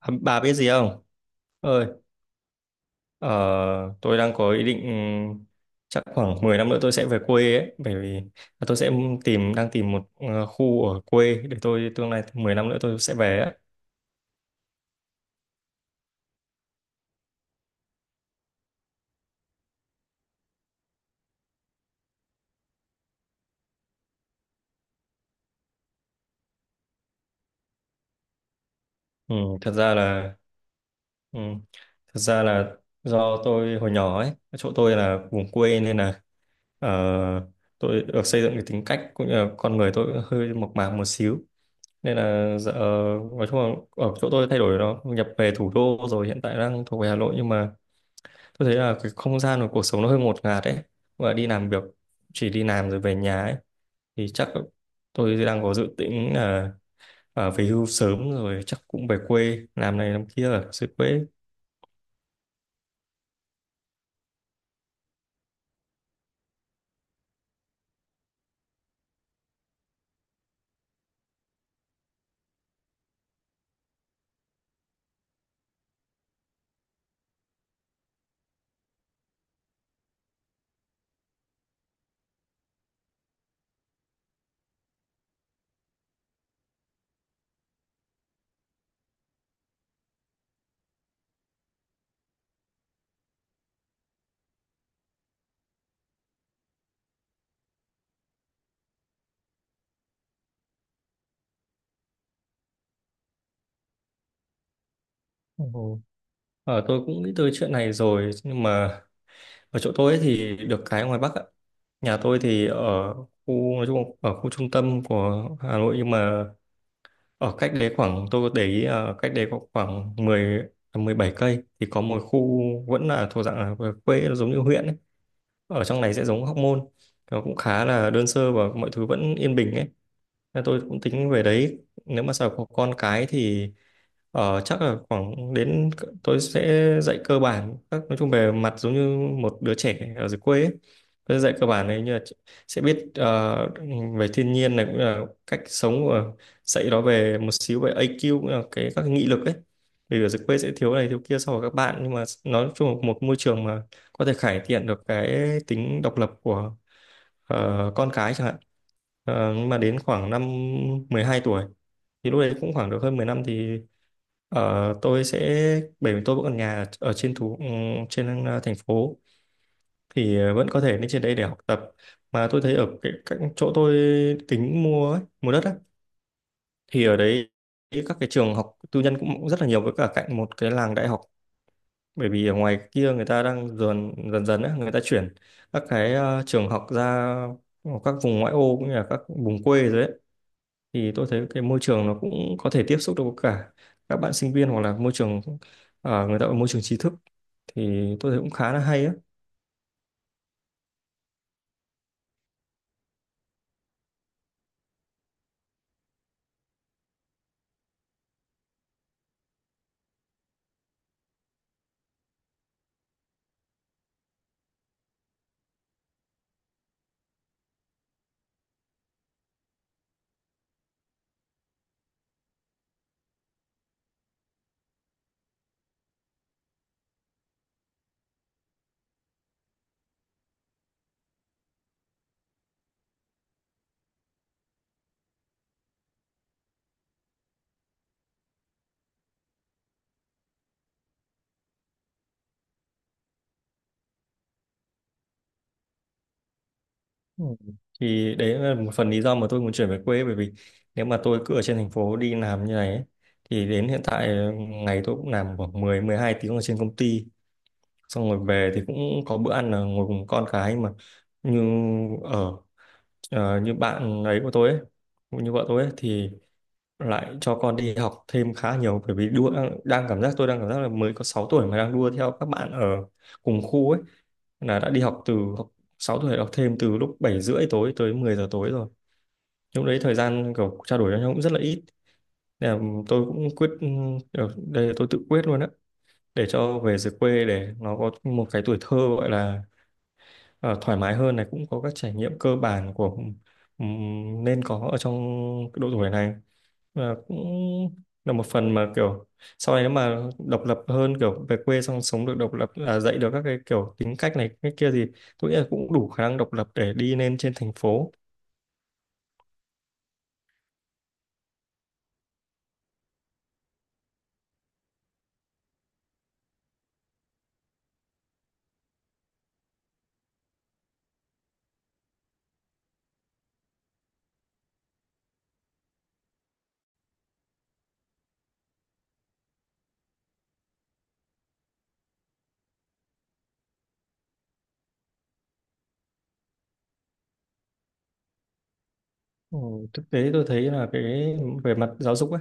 À, bà biết gì không? Ơi, ờ, tôi đang có ý định chắc khoảng 10 năm nữa tôi sẽ về quê ấy, bởi vì tôi sẽ đang tìm một khu ở quê để tôi tương lai 10 năm nữa tôi sẽ về ấy. Ừ, thật ra là ừ, thật ra là do tôi hồi nhỏ ấy, chỗ tôi là vùng quê nên là ờ, tôi được xây dựng cái tính cách cũng như là con người tôi cũng hơi mộc mạc một xíu. Nên là dạ, nói chung là ở chỗ tôi thay đổi nó nhập về thủ đô rồi hiện tại đang thuộc về Hà Nội, nhưng mà tôi thấy là cái không gian của cuộc sống nó hơi ngột ngạt ấy và đi làm việc, chỉ đi làm rồi về nhà ấy thì chắc tôi đang có dự tính là về hưu sớm rồi chắc cũng về quê làm này làm kia ở dưới quê. Ồ. Ờ, tôi cũng nghĩ tới chuyện này rồi, nhưng mà ở chỗ tôi ấy thì được cái ngoài Bắc ạ, nhà tôi thì ở khu nói chung là ở khu trung tâm của Hà Nội, nhưng mà ở cách đấy khoảng, tôi có để ý cách đấy có khoảng mười mười bảy cây thì có một khu vẫn là thuộc dạng là quê, nó giống như huyện ấy. Ở trong này sẽ giống Hóc Môn. Nó cũng khá là đơn sơ và mọi thứ vẫn yên bình ấy. Thế tôi cũng tính về đấy, nếu mà sau có con cái thì chắc là khoảng đến tôi sẽ dạy cơ bản các, nói chung về mặt giống như một đứa trẻ ở dưới quê ấy. Tôi dạy cơ bản này, như là sẽ biết về thiên nhiên này cũng là cách sống, và dạy nó về một xíu về IQ cũng là cái các cái nghị lực ấy, vì ở dưới quê sẽ thiếu này thiếu kia so với các bạn, nhưng mà nói chung là một môi trường mà có thể cải thiện được cái tính độc lập của con cái chẳng hạn. Ờ, nhưng mà đến khoảng năm 12 tuổi thì lúc đấy cũng khoảng được hơn 10 năm thì tôi sẽ, bởi vì tôi vẫn còn nhà ở, ở trên thủ trên thành phố thì vẫn có thể lên trên đấy để học tập, mà tôi thấy ở cái, các chỗ tôi tính mua ấy, mua đất á, thì ở đấy các cái trường học tư nhân cũng rất là nhiều, với cả cạnh một cái làng đại học, bởi vì ở ngoài kia người ta đang dần dần dần á, người ta chuyển các cái trường học ra các vùng ngoại ô cũng như là các vùng quê rồi đấy, thì tôi thấy cái môi trường nó cũng có thể tiếp xúc được với cả các bạn sinh viên, hoặc là môi trường ở người ta ở môi trường trí thức, thì tôi thấy cũng khá là hay á. Ừ. Thì đấy là một phần lý do mà tôi muốn chuyển về quê, bởi vì nếu mà tôi cứ ở trên thành phố đi làm như này ấy, thì đến hiện tại ngày tôi cũng làm khoảng mười mười hai tiếng ở trên công ty, xong rồi về thì cũng có bữa ăn là ngồi cùng con cái, mà như ở như bạn ấy của tôi ấy, cũng như vợ tôi ấy, thì lại cho con đi học thêm khá nhiều, bởi vì đua đang, đang cảm giác tôi đang cảm giác là mới có 6 tuổi mà đang đua theo các bạn ở cùng khu ấy, là đã đi học từ 6 tuổi, học thêm từ lúc 7 rưỡi tối tới 10 giờ tối rồi, lúc đấy thời gian kiểu trao đổi với nhau cũng rất là ít, nên là tôi cũng đây là tôi tự quyết luôn á, để cho về dưới quê để nó có một cái tuổi thơ gọi là thoải mái hơn này, cũng có các trải nghiệm cơ bản của nên có ở trong độ tuổi này. Và cũng là một phần mà kiểu sau này nếu mà độc lập hơn, kiểu về quê xong sống được độc lập, à, dạy được các cái kiểu tính cách này cái kia thì tôi nghĩ là cũng đủ khả năng độc lập để đi lên trên thành phố. Ừ, thực tế tôi thấy là cái về mặt giáo dục ấy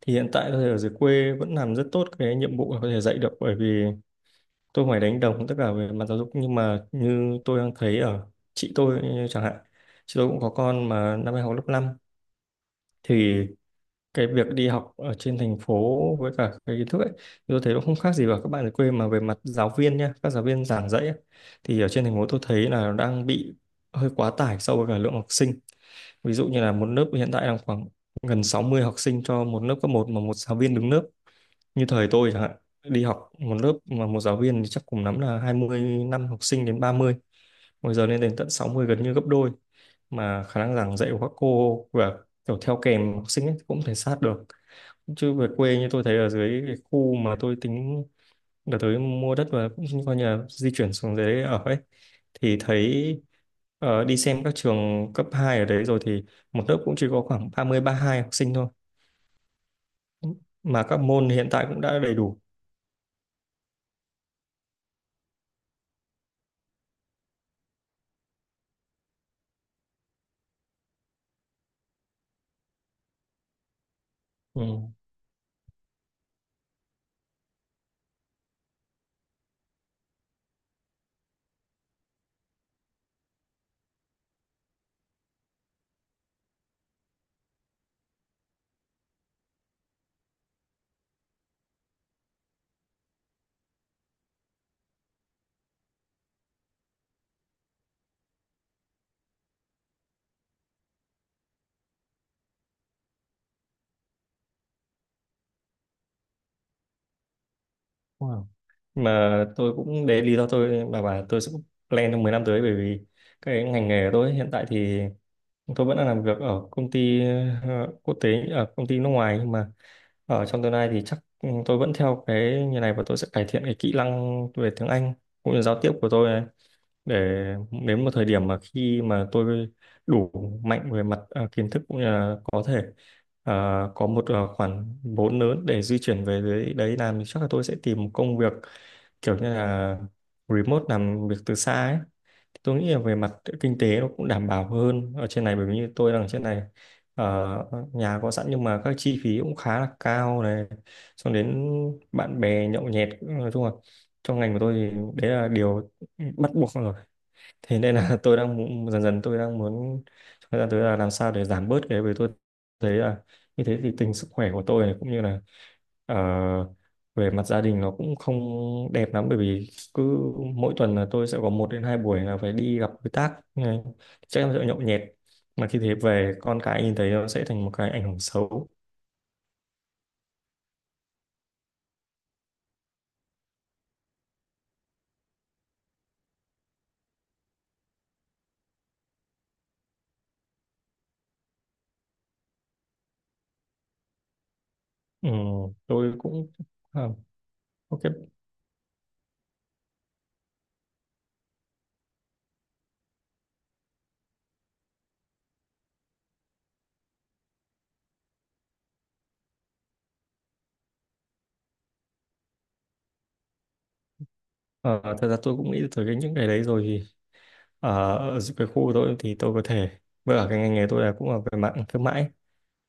thì hiện tại tôi thấy ở dưới quê vẫn làm rất tốt cái nhiệm vụ là có thể dạy được, bởi vì tôi không phải đánh đồng tất cả về mặt giáo dục, nhưng mà như tôi đang thấy ở chị tôi chẳng hạn, chị tôi cũng có con mà năm nay học lớp năm, thì cái việc đi học ở trên thành phố với cả cái kiến thức ấy, tôi thấy nó không khác gì vào các bạn ở quê, mà về mặt giáo viên nha, các giáo viên giảng dạy ấy, thì ở trên thành phố tôi thấy là nó đang bị hơi quá tải so với cả lượng học sinh, ví dụ như là một lớp hiện tại đang khoảng gần 60 học sinh cho một lớp cấp một, mà một giáo viên đứng lớp, như thời tôi chẳng hạn đi học, một lớp mà một giáo viên thì chắc cùng lắm là hai mươi năm học sinh đến 30, bây giờ lên đến tận sáu mươi, gần như gấp đôi, mà khả năng giảng dạy của các cô và kiểu theo kèm học sinh ấy cũng thể sát được. Chứ về quê như tôi thấy ở dưới cái khu mà tôi tính đợt tới mua đất, và cũng coi như là di chuyển xuống dưới ở ấy, thì thấy đi xem các trường cấp 2 ở đấy rồi thì một lớp cũng chỉ có khoảng 30 hai học sinh thôi, mà các môn hiện tại cũng đã đầy đủ. Ừ. Wow. Mà tôi cũng đấy là lý do tôi mà bảo tôi sẽ plan trong 10 năm tới, bởi vì cái ngành nghề của tôi hiện tại thì tôi vẫn đang làm việc ở công ty quốc tế, ở công ty nước ngoài, nhưng mà ở trong tương lai thì chắc ừ, tôi vẫn theo cái như này và tôi sẽ cải thiện cái kỹ năng về tiếng Anh cũng như giao tiếp của tôi, để đến một thời điểm mà khi mà tôi đủ mạnh về mặt à, kiến thức, cũng như là có thể à, có một à, khoản vốn lớn để di chuyển về dưới đấy làm, thì chắc là tôi sẽ tìm một công việc kiểu như là remote, làm việc từ xa ấy. Thì tôi nghĩ là về mặt kinh tế nó cũng đảm bảo hơn ở trên này, bởi vì như tôi đang ở trên này ờ, nhà có sẵn nhưng mà các chi phí cũng khá là cao này, xong đến bạn bè nhậu nhẹt, nói chung là trong ngành của tôi thì đấy là điều bắt buộc rồi, thế nên là tôi đang muốn, dần dần tôi đang muốn trong thời gian tới là làm sao để giảm bớt cái, bởi tôi thấy là như thế thì tình sức khỏe của tôi này cũng như là ờ, về mặt gia đình nó cũng không đẹp lắm, bởi vì cứ mỗi tuần là tôi sẽ có một đến hai buổi là phải đi gặp đối tác như này, chắc là sẽ nhậu nhẹt, mà khi thế về con cái nhìn thấy, nó sẽ thành một cái ảnh hưởng xấu. Ừ, tôi cũng à, ok. Ờ, thật ra tôi cũng nghĩ tới cái những cái đấy rồi thì ờ, ở cái khu của tôi thì tôi có thể, với cả cái ngành nghề tôi là cũng là về mạng thương mại,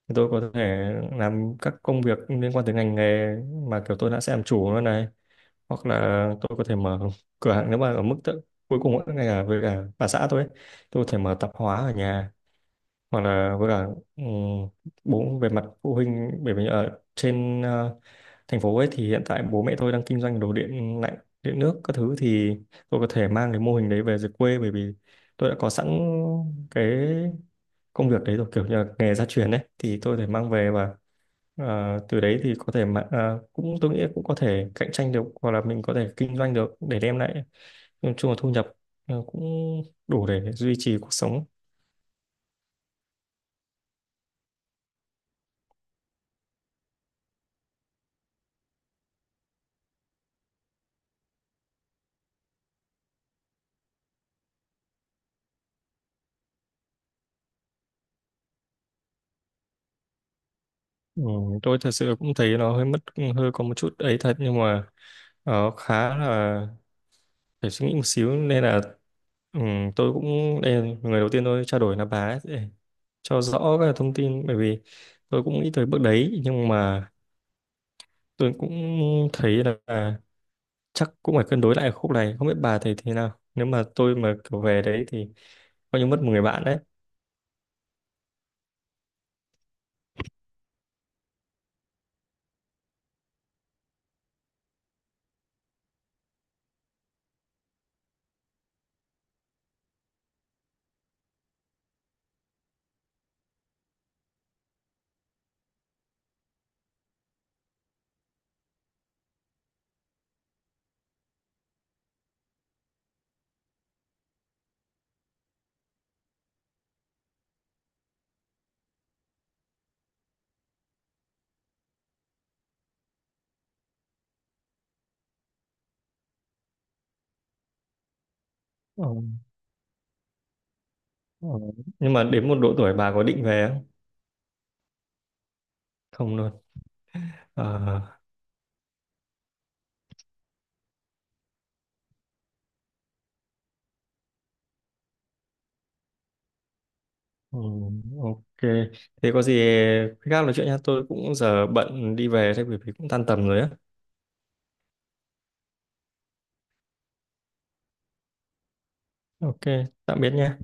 thì tôi có thể làm các công việc liên quan tới ngành nghề mà kiểu tôi đã sẽ làm chủ nó này, hoặc là tôi có thể mở cửa hàng nếu mà ở mức tự, cuối cùng ấy, ngay cả với cả bà xã tôi ấy, tôi có thể mở tạp hóa ở nhà, hoặc là với cả ừm, bố về mặt phụ huynh, bởi vì ở trên thành phố ấy thì hiện tại bố mẹ tôi đang kinh doanh đồ điện lạnh, điện nước các thứ, thì tôi có thể mang cái mô hình đấy về dưới quê, bởi vì tôi đã có sẵn cái công việc đấy rồi, kiểu như là nghề gia truyền đấy, thì tôi có thể mang về và từ đấy thì có thể mà cũng tôi nghĩ cũng có thể cạnh tranh được, hoặc là mình có thể kinh doanh được để đem lại nói chung là thu nhập cũng đủ để duy trì cuộc sống. Ừ, tôi thật sự cũng thấy nó hơi mất, hơi có một chút ấy thật, nhưng mà khá là phải suy nghĩ một xíu, nên là ừ, tôi cũng đây là người đầu tiên tôi trao đổi là bà ấy, để cho rõ các thông tin, bởi vì tôi cũng nghĩ tới bước đấy, nhưng mà tôi cũng thấy là chắc cũng phải cân đối lại khúc này, không biết bà thấy thế nào, nếu mà tôi mà kiểu về đấy thì coi như mất một người bạn đấy. Ờ, ờ. Nhưng mà đến một độ tuổi bà có định về không? Không luôn. Ờ, ừ, ok. Thế có gì khi khác nói chuyện nha, tôi cũng giờ bận đi về thôi bởi vì cũng tan tầm rồi á. Ok, tạm biệt nha.